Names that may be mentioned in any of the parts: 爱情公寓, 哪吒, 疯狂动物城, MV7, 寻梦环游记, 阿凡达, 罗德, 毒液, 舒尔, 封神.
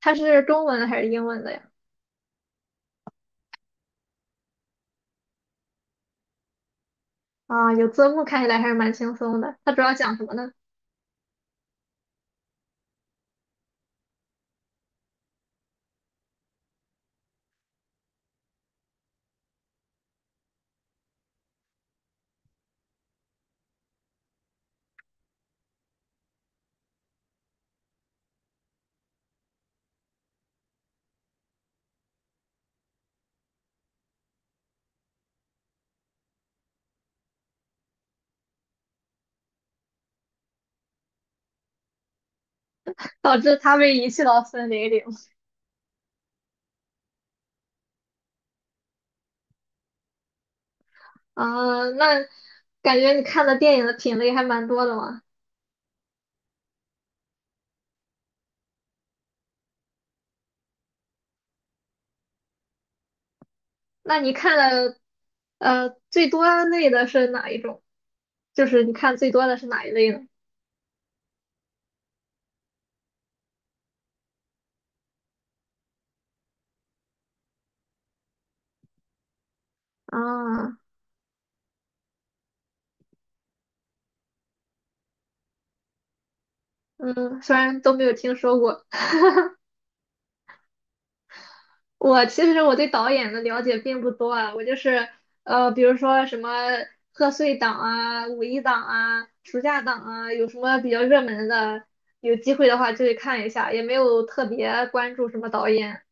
它是中文的还是英文的呀？啊，有字幕看起来还是蛮轻松的。它主要讲什么呢？导致他被遗弃到森林里。啊，那感觉你看的电影的品类还蛮多的嘛。那你看的最多类的是哪一种？就是你看最多的是哪一类呢？啊，嗯，虽然都没有听说过。其实我对导演的了解并不多啊，我就是比如说什么贺岁档啊、五一档啊、暑假档啊，有什么比较热门的，有机会的话就去看一下，也没有特别关注什么导演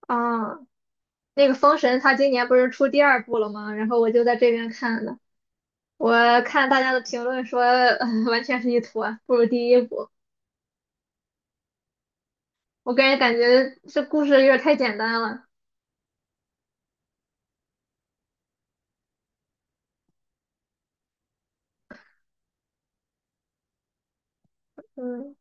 啊。那个《封神》它今年不是出第二部了吗？然后我就在这边看的，我看大家的评论说，完全是一坨，不如第一部。我个人感觉这故事有点太简单了，嗯。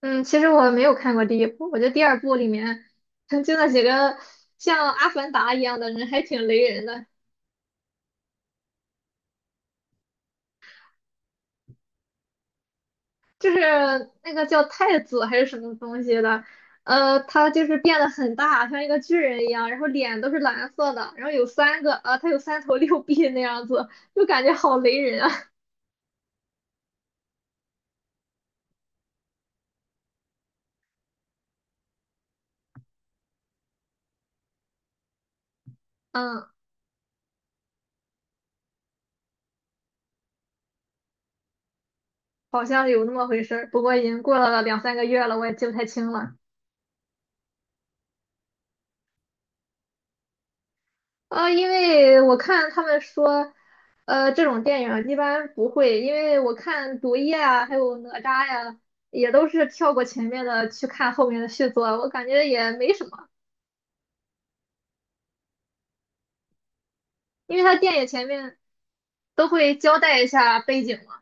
嗯，其实我没有看过第一部，我觉得第二部里面曾经的几个像阿凡达一样的人还挺雷人的，就是那个叫太子还是什么东西的，他就是变得很大，像一个巨人一样，然后脸都是蓝色的，然后有三个，他有三头六臂那样子，就感觉好雷人啊。嗯，好像有那么回事儿，不过已经过了两三个月了，我也记不太清了。啊，因为我看他们说，这种电影一般不会，因为我看《毒液》啊，还有《哪吒》呀，也都是跳过前面的去看后面的续作，我感觉也没什么，因为它电影前面都会交代一下背景嘛。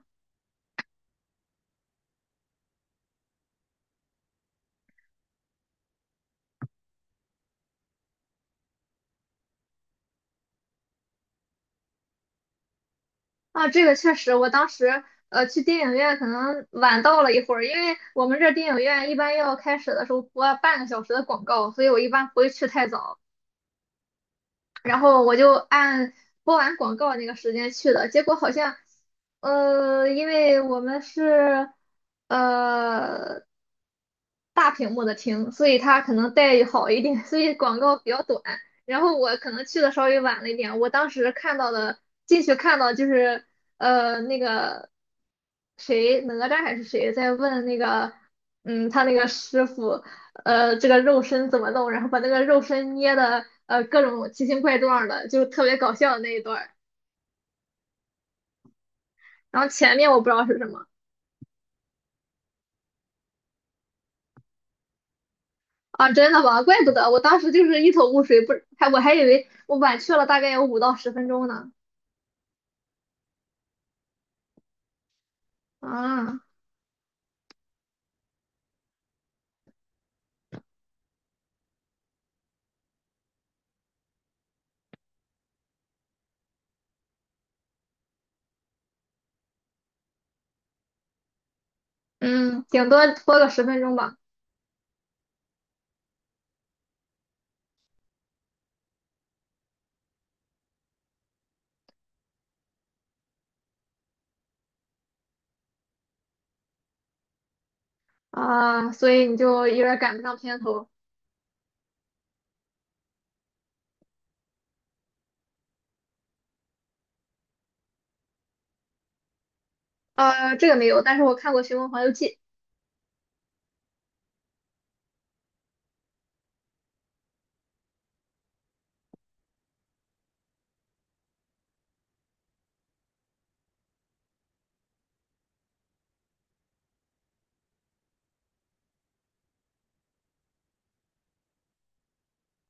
啊，这个确实，我当时去电影院可能晚到了一会儿，因为我们这电影院一般要开始的时候播半个小时的广告，所以我一般不会去太早。然后我就按播完广告那个时间去的，结果好像，因为我们是呃大屏幕的听，所以他可能待遇好一点，所以广告比较短。然后我可能去的稍微晚了一点，我当时看到的进去看到就是那个谁哪吒还是谁在问那个他那个师傅。这个肉身怎么弄，然后把那个肉身捏的各种奇形怪状的，就特别搞笑的那一段儿。然后前面我不知道是什么。啊，真的吗？怪不得我当时就是一头雾水，不还我还以为我晚去了大概有5到10分钟呢。啊，嗯，顶多播个十分钟吧。啊，所以你就有点赶不上片头。这个没有，但是我看过《寻梦环游记》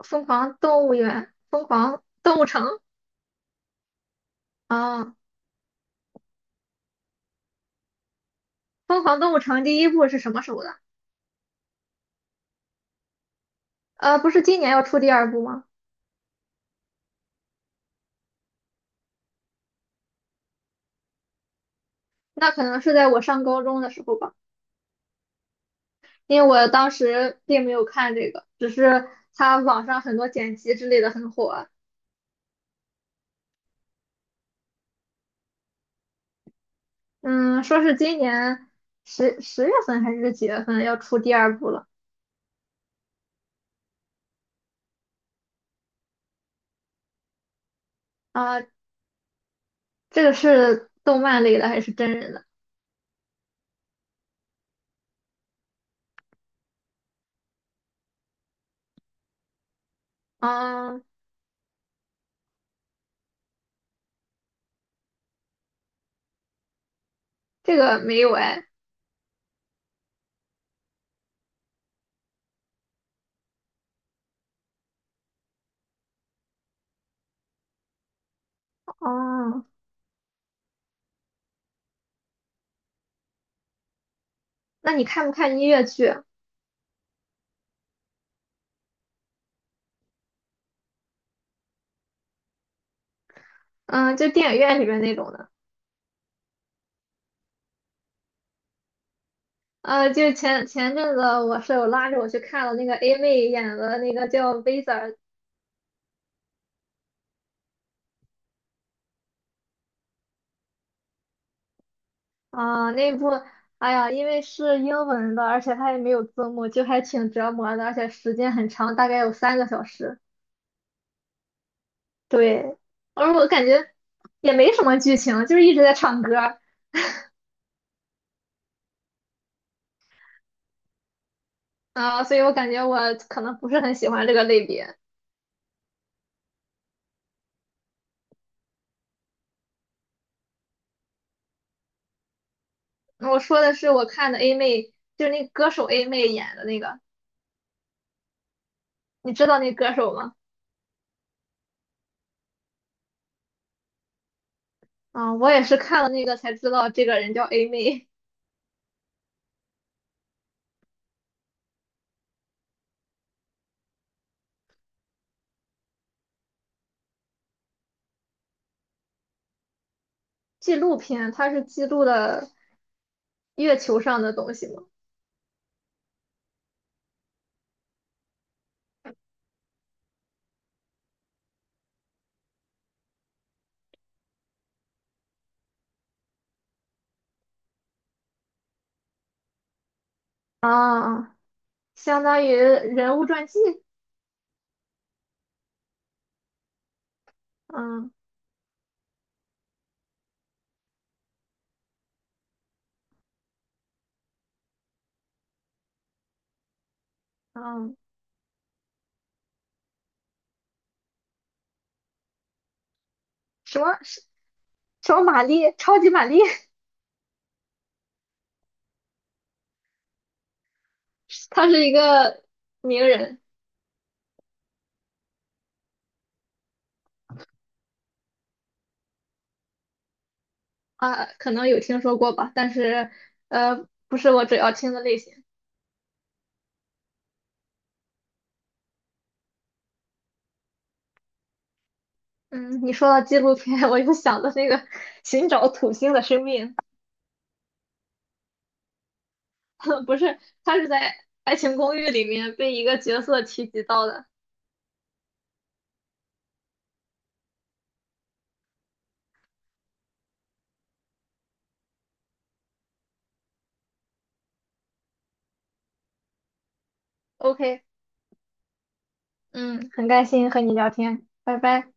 《疯狂动物园》《疯狂动物城》。啊，《疯狂动物城》第一部是什么时候的？不是今年要出第二部吗？那可能是在我上高中的时候吧，因为我当时并没有看这个，只是它网上很多剪辑之类的很火啊。嗯，说是今年十月份还是几月份要出第二部了。啊？这个是动漫类的还是真人的？啊，这个没有哎。哦，那你看不看音乐剧啊？嗯，就电影院里边那种的。就前阵子我舍友拉着我去看了那个 A 妹演的那个叫《w i z a r。 啊，那部，哎呀，因为是英文的，而且它也没有字幕，就还挺折磨的，而且时间很长，大概有3个小时。对，而我感觉也没什么剧情，就是一直在唱歌儿。啊，所以我感觉我可能不是很喜欢这个类别。我说的是我看的 A 妹，就是那歌手 A 妹演的那个，你知道那歌手吗？啊，我也是看了那个才知道这个人叫 A 妹。纪录片，它是记录的月球上的东西吗？啊。相当于人物传记。嗯嗯，什么什么玛丽，超级玛丽，她是一个名人。啊，可能有听说过吧，但是不是我主要听的类型。嗯，你说到纪录片，我就想到那个寻找土星的生命，不是，他是在《爱情公寓》里面被一个角色提及到的。OK，嗯，很开心和你聊天，拜拜。